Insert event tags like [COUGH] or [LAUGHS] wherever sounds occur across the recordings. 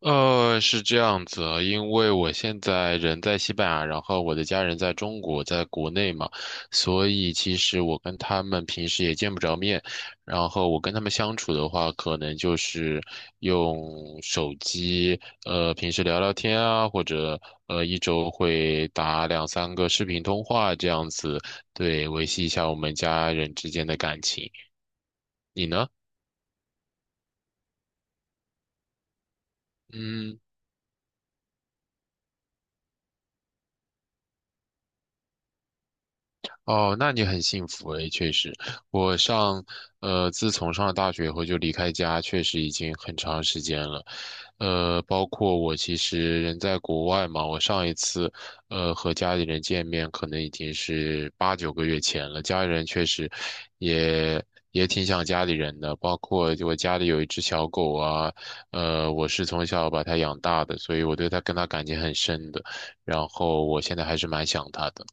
是这样子啊，因为我现在人在西班牙，然后我的家人在中国，在国内嘛，所以其实我跟他们平时也见不着面。然后我跟他们相处的话，可能就是用手机，平时聊聊天啊，或者一周会打两三个视频通话这样子。对，维系一下我们家人之间的感情。你呢？嗯。哦，那你很幸福诶，确实。我上，自从上了大学以后就离开家，确实已经很长时间了。包括我其实人在国外嘛。我上一次，和家里人见面可能已经是8、9个月前了。家里人确实也也挺想家里人的，包括我家里有一只小狗啊，我是从小把它养大的，所以我对它跟它感情很深的，然后我现在还是蛮想它的。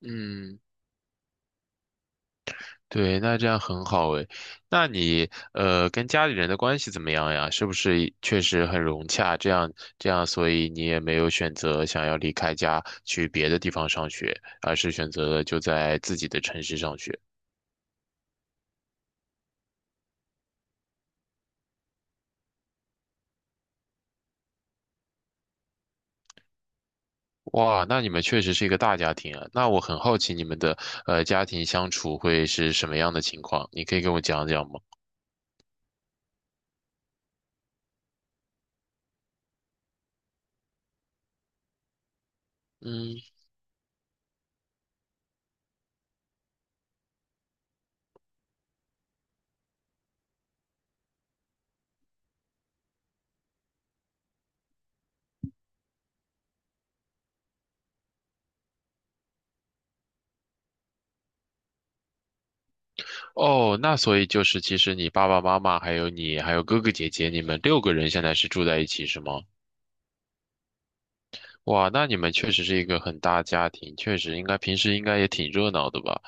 嗯。对，那这样很好诶。那你跟家里人的关系怎么样呀？是不是确实很融洽？这样，所以你也没有选择想要离开家去别的地方上学，而是选择了就在自己的城市上学。哇，那你们确实是一个大家庭啊。那我很好奇你们的家庭相处会是什么样的情况？你可以跟我讲讲吗？嗯。哦，那所以就是其实你爸爸妈妈还有你还有哥哥姐姐，你们六个人现在是住在一起是吗？哇，那你们确实是一个很大家庭，确实应该平时应该也挺热闹的吧？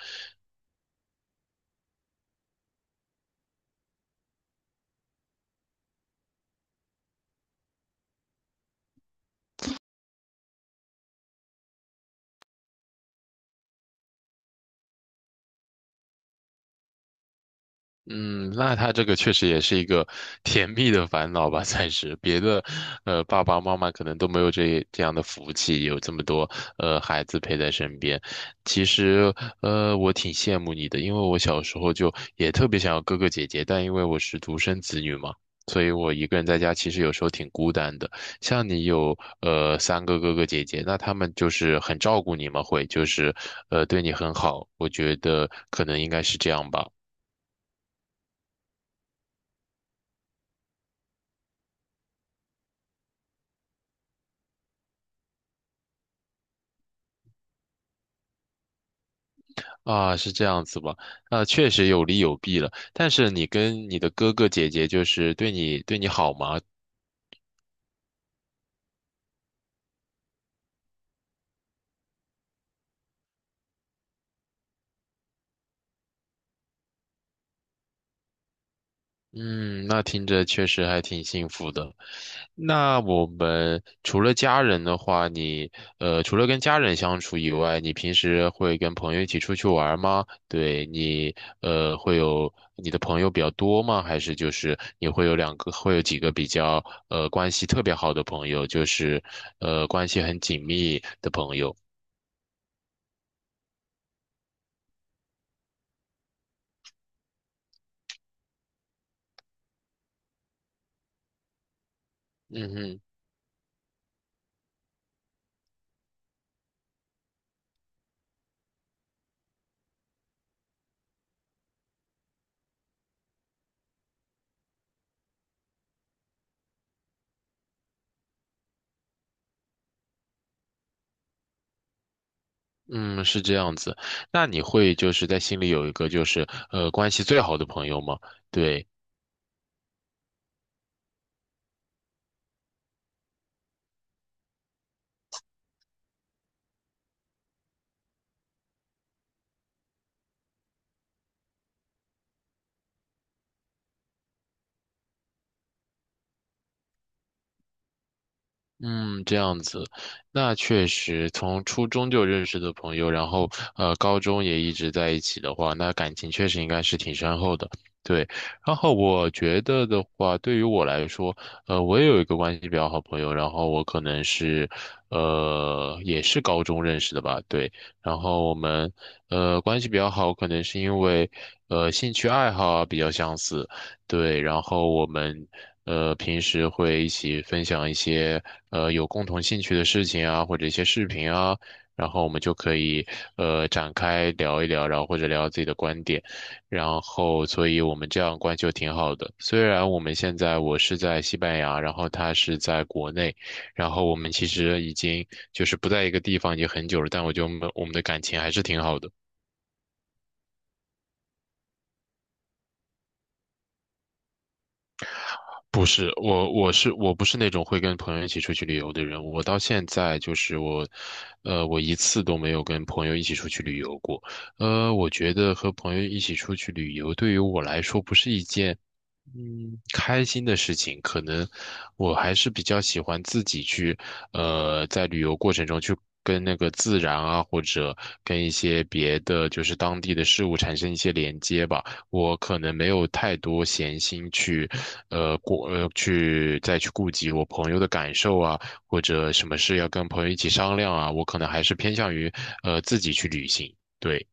嗯，那他这个确实也是一个 [LAUGHS] 甜蜜的烦恼吧，算是别的。爸爸妈妈可能都没有这样的福气，有这么多孩子陪在身边。其实，我挺羡慕你的，因为我小时候就也特别想要哥哥姐姐，但因为我是独生子女嘛，所以我一个人在家其实有时候挺孤单的。像你有三个哥哥姐姐，那他们就是很照顾你们，会就是对你很好，我觉得可能应该是这样吧。啊，是这样子吧？啊，确实有利有弊了。但是你跟你的哥哥姐姐，就是对你好吗？嗯，那听着确实还挺幸福的。那我们除了家人的话，除了跟家人相处以外，你平时会跟朋友一起出去玩吗？对你呃，会有你的朋友比较多吗？还是就是你会有两个，会有几个比较关系特别好的朋友，就是关系很紧密的朋友？嗯哼。嗯，是这样子。那你会就是在心里有一个就是关系最好的朋友吗？对。嗯，这样子。那确实从初中就认识的朋友，然后高中也一直在一起的话，那感情确实应该是挺深厚的。对。然后我觉得的话，对于我来说，我也有一个关系比较好朋友，然后我可能是，也是高中认识的吧。对，然后我们关系比较好，可能是因为兴趣爱好啊比较相似。对，然后我们平时会一起分享一些有共同兴趣的事情啊，或者一些视频啊，然后我们就可以展开聊一聊，然后或者聊自己的观点，然后所以我们这样关系就挺好的。虽然我们现在我是在西班牙，然后他是在国内，然后我们其实已经就是不在一个地方已经很久了，但我觉得我们的感情还是挺好的。不是我。我不是那种会跟朋友一起出去旅游的人。我到现在就是我，呃，我一次都没有跟朋友一起出去旅游过。我觉得和朋友一起出去旅游对于我来说不是一件开心的事情。可能我还是比较喜欢自己去，在旅游过程中去跟那个自然啊，或者跟一些别的就是当地的事物产生一些连接吧。我可能没有太多闲心去，过去再去顾及我朋友的感受啊，或者什么事要跟朋友一起商量啊。我可能还是偏向于自己去旅行。对。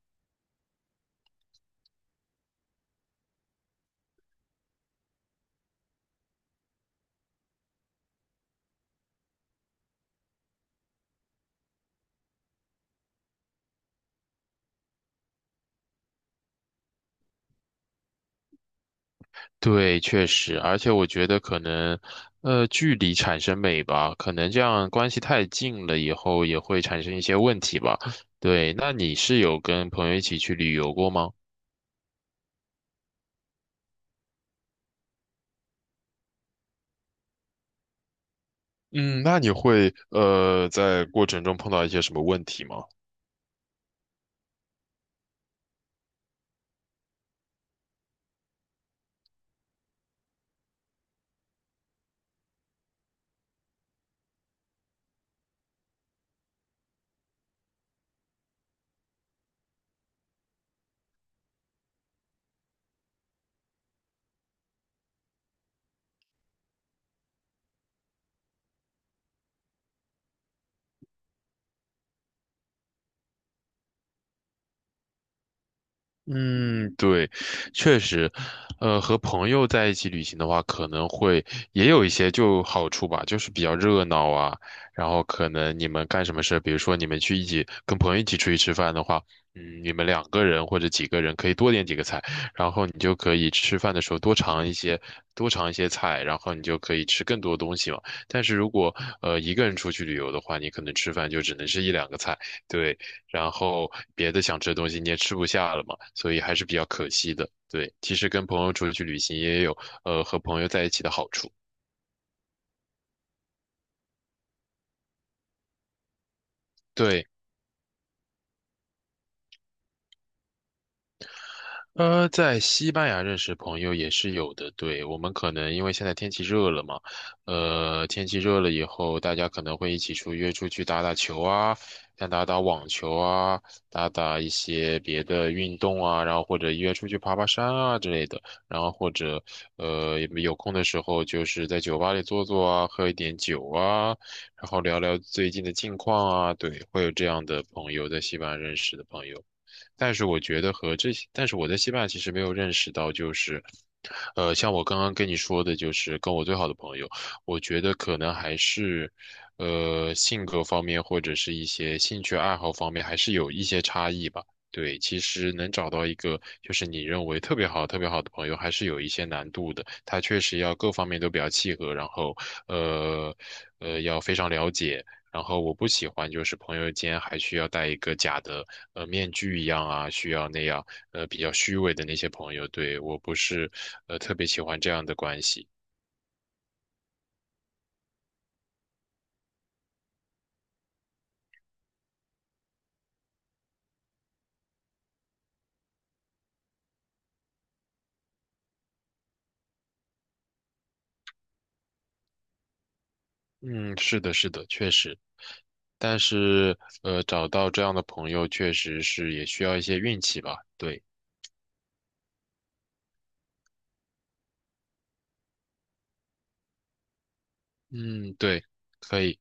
对，确实。而且我觉得可能，距离产生美吧，可能这样关系太近了以后也会产生一些问题吧。对，那你是有跟朋友一起去旅游过吗？嗯，那你会在过程中碰到一些什么问题吗？嗯，对，确实。和朋友在一起旅行的话，可能会也有一些就好处吧，就是比较热闹啊。然后可能你们干什么事，比如说你们去一起跟朋友一起出去吃饭的话，嗯，你们两个人或者几个人可以多点几个菜，然后你就可以吃饭的时候多尝一些，多尝一些菜，然后你就可以吃更多东西嘛。但是如果一个人出去旅游的话，你可能吃饭就只能是一两个菜。对。然后别的想吃的东西你也吃不下了嘛，所以还是比较可惜的。对，其实跟朋友出去旅行也有和朋友在一起的好处。对。在西班牙认识朋友也是有的。对，我们可能因为现在天气热了嘛。天气热了以后，大家可能会一起约出去打打球啊，像打打网球啊，打打一些别的运动啊，然后或者约出去爬爬山啊之类的。然后或者有空的时候就是在酒吧里坐坐啊，喝一点酒啊，然后聊聊最近的近况啊。对，会有这样的朋友，在西班牙认识的朋友。但是我觉得和这些，但是我在西班牙其实没有认识到，就是，像我刚刚跟你说的，就是跟我最好的朋友，我觉得可能还是，性格方面或者是一些兴趣爱好方面，还是有一些差异吧。对，其实能找到一个就是你认为特别好、特别好的朋友，还是有一些难度的。他确实要各方面都比较契合。然后，呃，要非常了解。然后我不喜欢就是朋友间还需要戴一个假的面具一样啊，需要那样比较虚伪的那些朋友。对，我不是特别喜欢这样的关系。嗯，是的，是的，确实。但是，找到这样的朋友确实是也需要一些运气吧。对。嗯，对，可以。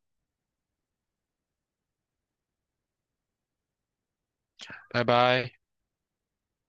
拜拜。